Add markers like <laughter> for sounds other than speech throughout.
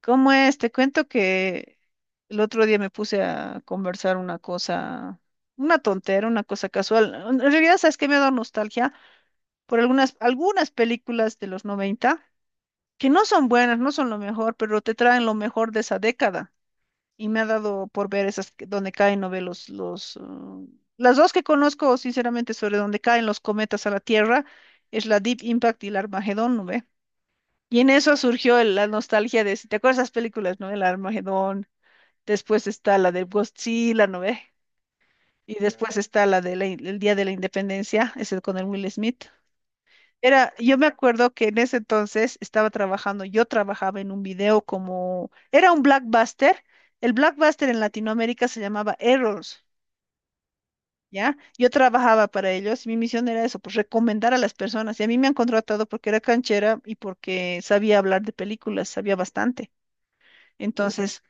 ¿Cómo es? Te cuento que el otro día me puse a conversar una cosa, una tontera, una cosa casual. En realidad, ¿sabes qué? Me ha dado nostalgia por algunas películas de los 90 que no son buenas, no son lo mejor, pero te traen lo mejor de esa década. Y me ha dado por ver donde caen, no ve los, las dos que conozco, sinceramente, sobre donde caen los cometas a la Tierra, es la Deep Impact y el Armagedón, ¿no ve? Y en eso surgió la nostalgia de, si te acuerdas de esas películas, ¿no? El Armagedón. Después está la del Godzilla, ¿no ve? Y después está la del el Día de la Independencia, ese con el Will Smith. Era, yo me acuerdo que en ese entonces estaba trabajando, yo trabajaba en un video como, era un blockbuster. El blockbuster en Latinoamérica se llamaba Errors, ¿ya? Yo trabajaba para ellos y mi misión era eso, pues recomendar a las personas. Y a mí me han contratado porque era canchera y porque sabía hablar de películas, sabía bastante. Entonces,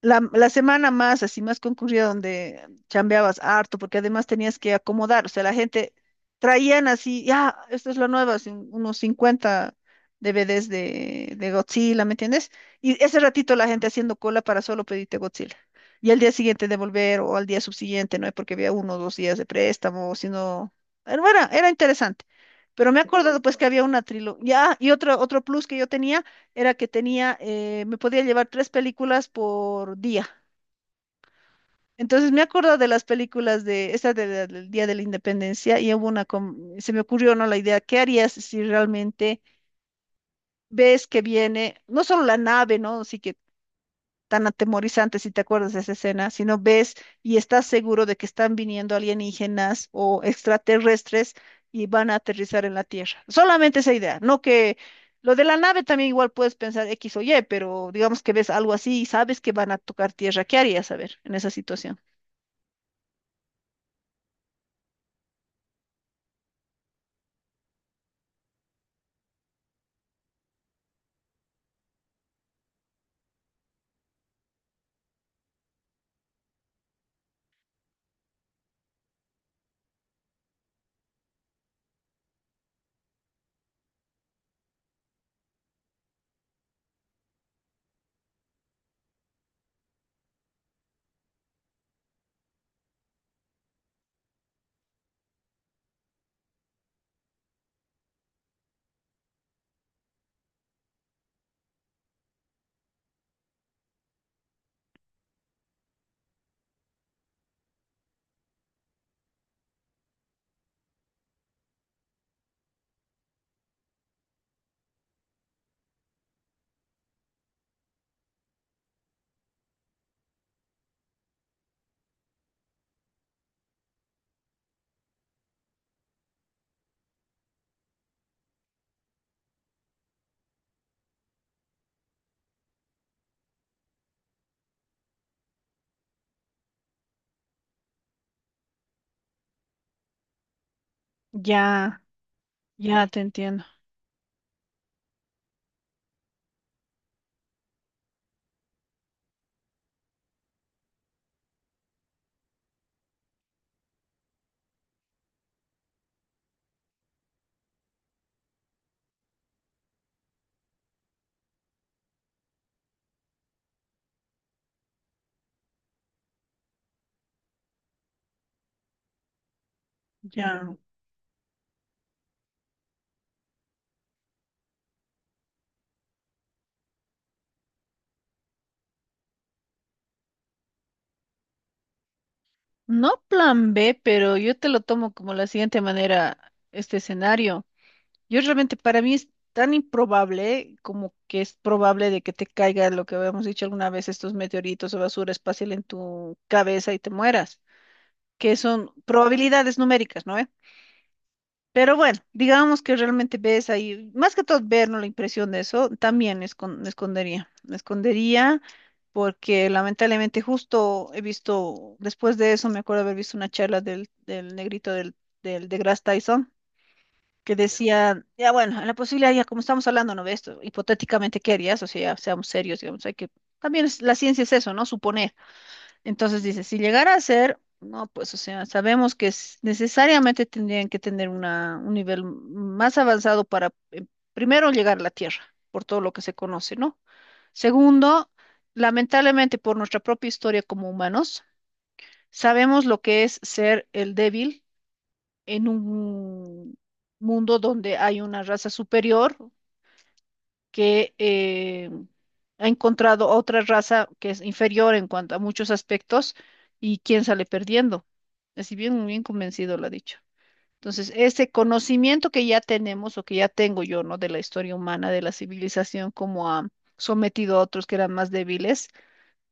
la semana más, así más concurrida, donde chambeabas harto, porque además tenías que acomodar, o sea, la gente traían así, ya, esto es lo nuevo, así unos 50 DVDs de Godzilla, ¿me entiendes? Y ese ratito la gente haciendo cola para solo pedirte Godzilla. Y al día siguiente devolver o al día subsiguiente, ¿no? Porque había uno o dos días de préstamo, sino... Era interesante. Pero me he acordado pues que había una trilogía, ya, y otro, otro plus que yo tenía era que tenía, me podía llevar tres películas por día. Entonces me acuerdo de las películas de esta del Día de la Independencia y hubo una, se me ocurrió, ¿no? La idea, ¿qué harías si realmente ves que viene, no solo la nave, ¿no? Así que tan atemorizante, si te acuerdas de esa escena, sino ves y estás seguro de que están viniendo alienígenas o extraterrestres y van a aterrizar en la Tierra. Solamente esa idea, no que lo de la nave también igual puedes pensar X o Y, pero digamos que ves algo así y sabes que van a tocar Tierra. ¿Qué harías, a ver, en esa situación? Ya, ya te entiendo. Ya. No plan B, pero yo te lo tomo como la siguiente manera, este escenario. Yo realmente para mí es tan improbable como que es probable de que te caiga lo que habíamos dicho alguna vez, estos meteoritos o basura espacial en tu cabeza y te mueras, que son probabilidades numéricas, ¿no ve? Pero bueno, digamos que realmente ves ahí, más que todo ver, ¿no? La impresión de eso, también me escondería porque lamentablemente justo he visto, después de eso me acuerdo haber visto una charla del negrito del, de deGrasse Tyson que decía, ya bueno, la posibilidad, ya como estamos hablando, ¿no? De esto, hipotéticamente, ¿qué harías? O sea, ya seamos serios, digamos, hay que, también la ciencia es eso, ¿no? Suponer. Entonces dice, si llegara a ser, no, pues, o sea, sabemos que necesariamente tendrían que tener una, un nivel más avanzado para primero llegar a la Tierra, por todo lo que se conoce, ¿no? Segundo, lamentablemente por nuestra propia historia como humanos, sabemos lo que es ser el débil en un mundo donde hay una raza superior que ha encontrado otra raza que es inferior en cuanto a muchos aspectos y quién sale perdiendo. Así bien, bien convencido lo ha dicho. Entonces, ese conocimiento que ya tenemos o que ya tengo yo, ¿no? De la historia humana, de la civilización, como ha sometido a otros que eran más débiles,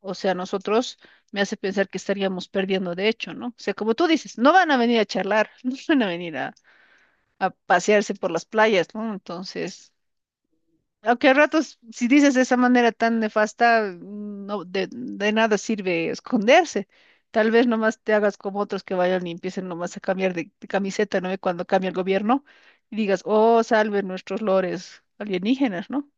o sea, nosotros, me hace pensar que estaríamos perdiendo de hecho, ¿no? O sea, como tú dices, no van a venir a charlar, <laughs> no van a venir a pasearse por las playas, ¿no? Entonces, aunque a ratos, si dices de esa manera tan nefasta, no, de nada sirve esconderse. Tal vez nomás te hagas como otros que vayan y empiecen nomás a cambiar de camiseta, ¿no? Y cuando cambia el gobierno y digas, oh, salve nuestros lores alienígenas, ¿no?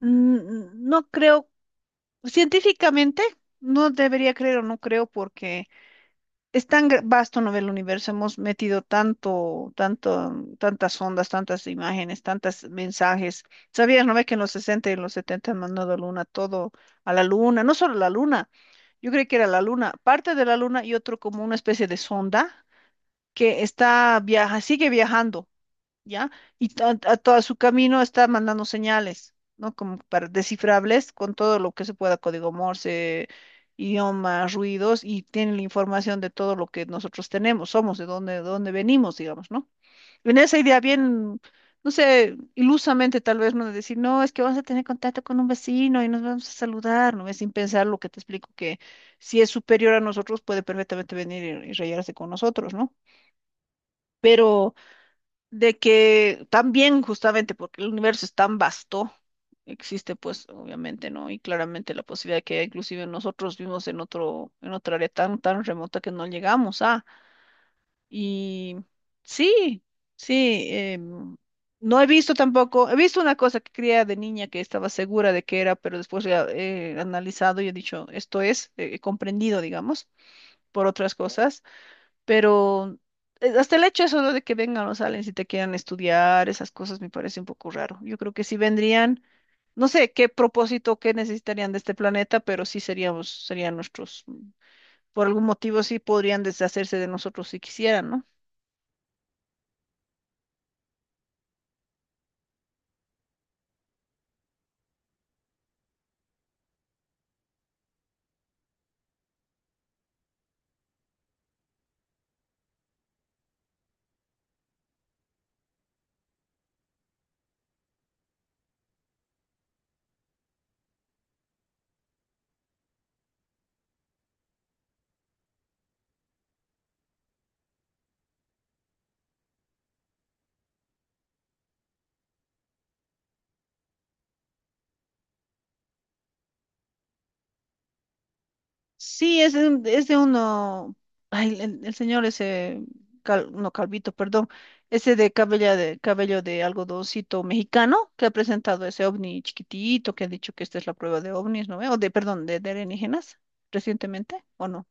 No creo, científicamente, no debería creer o no creo porque... Es tan vasto, ¿no? El universo, hemos metido tantas ondas, tantas imágenes, tantos mensajes. ¿Sabías, no ve que en los 60 y en los 70 han mandado a luna todo a la luna? No solo la luna, yo creí que era la luna, parte de la luna y otro como una especie de sonda que está viaja, sigue viajando. ¿Ya? Y a todo su camino está mandando señales, ¿no? Como para descifrables con todo lo que se pueda, código Morse, idiomas, ruidos, y tiene la información de todo lo que nosotros tenemos, somos, de dónde venimos, digamos, ¿no? En esa idea bien, no sé, ilusamente tal vez, ¿no? De decir, no, es que vamos a tener contacto con un vecino y nos vamos a saludar, ¿no? Es sin pensar lo que te explico, que si es superior a nosotros, puede perfectamente venir y rayarse con nosotros, ¿no? Pero de que también justamente porque el universo es tan vasto, existe pues obviamente, ¿no? Y claramente la posibilidad de que inclusive nosotros vivimos en otro, en otra área tan, tan remota que no llegamos a. Y sí, sí, no he visto tampoco, he visto una cosa que creía de niña que estaba segura de que era, pero después la he analizado y he dicho, esto es, he comprendido, digamos, por otras cosas. Pero hasta el hecho eso, ¿no? De que vengan los aliens y te quieran estudiar, esas cosas me parece un poco raro. Yo creo que si vendrían, no sé qué propósito, qué necesitarían de este planeta, pero sí seríamos, serían nuestros, por algún motivo sí podrían deshacerse de nosotros si quisieran, ¿no? Sí, es de, es de uno, ay, el señor ese, no Calvito, perdón, ese de cabello de, cabello de algodoncito mexicano que ha presentado ese ovni chiquitito que ha dicho que esta es la prueba de ovnis, ¿no ve? O de, perdón, de alienígenas recientemente, ¿o no?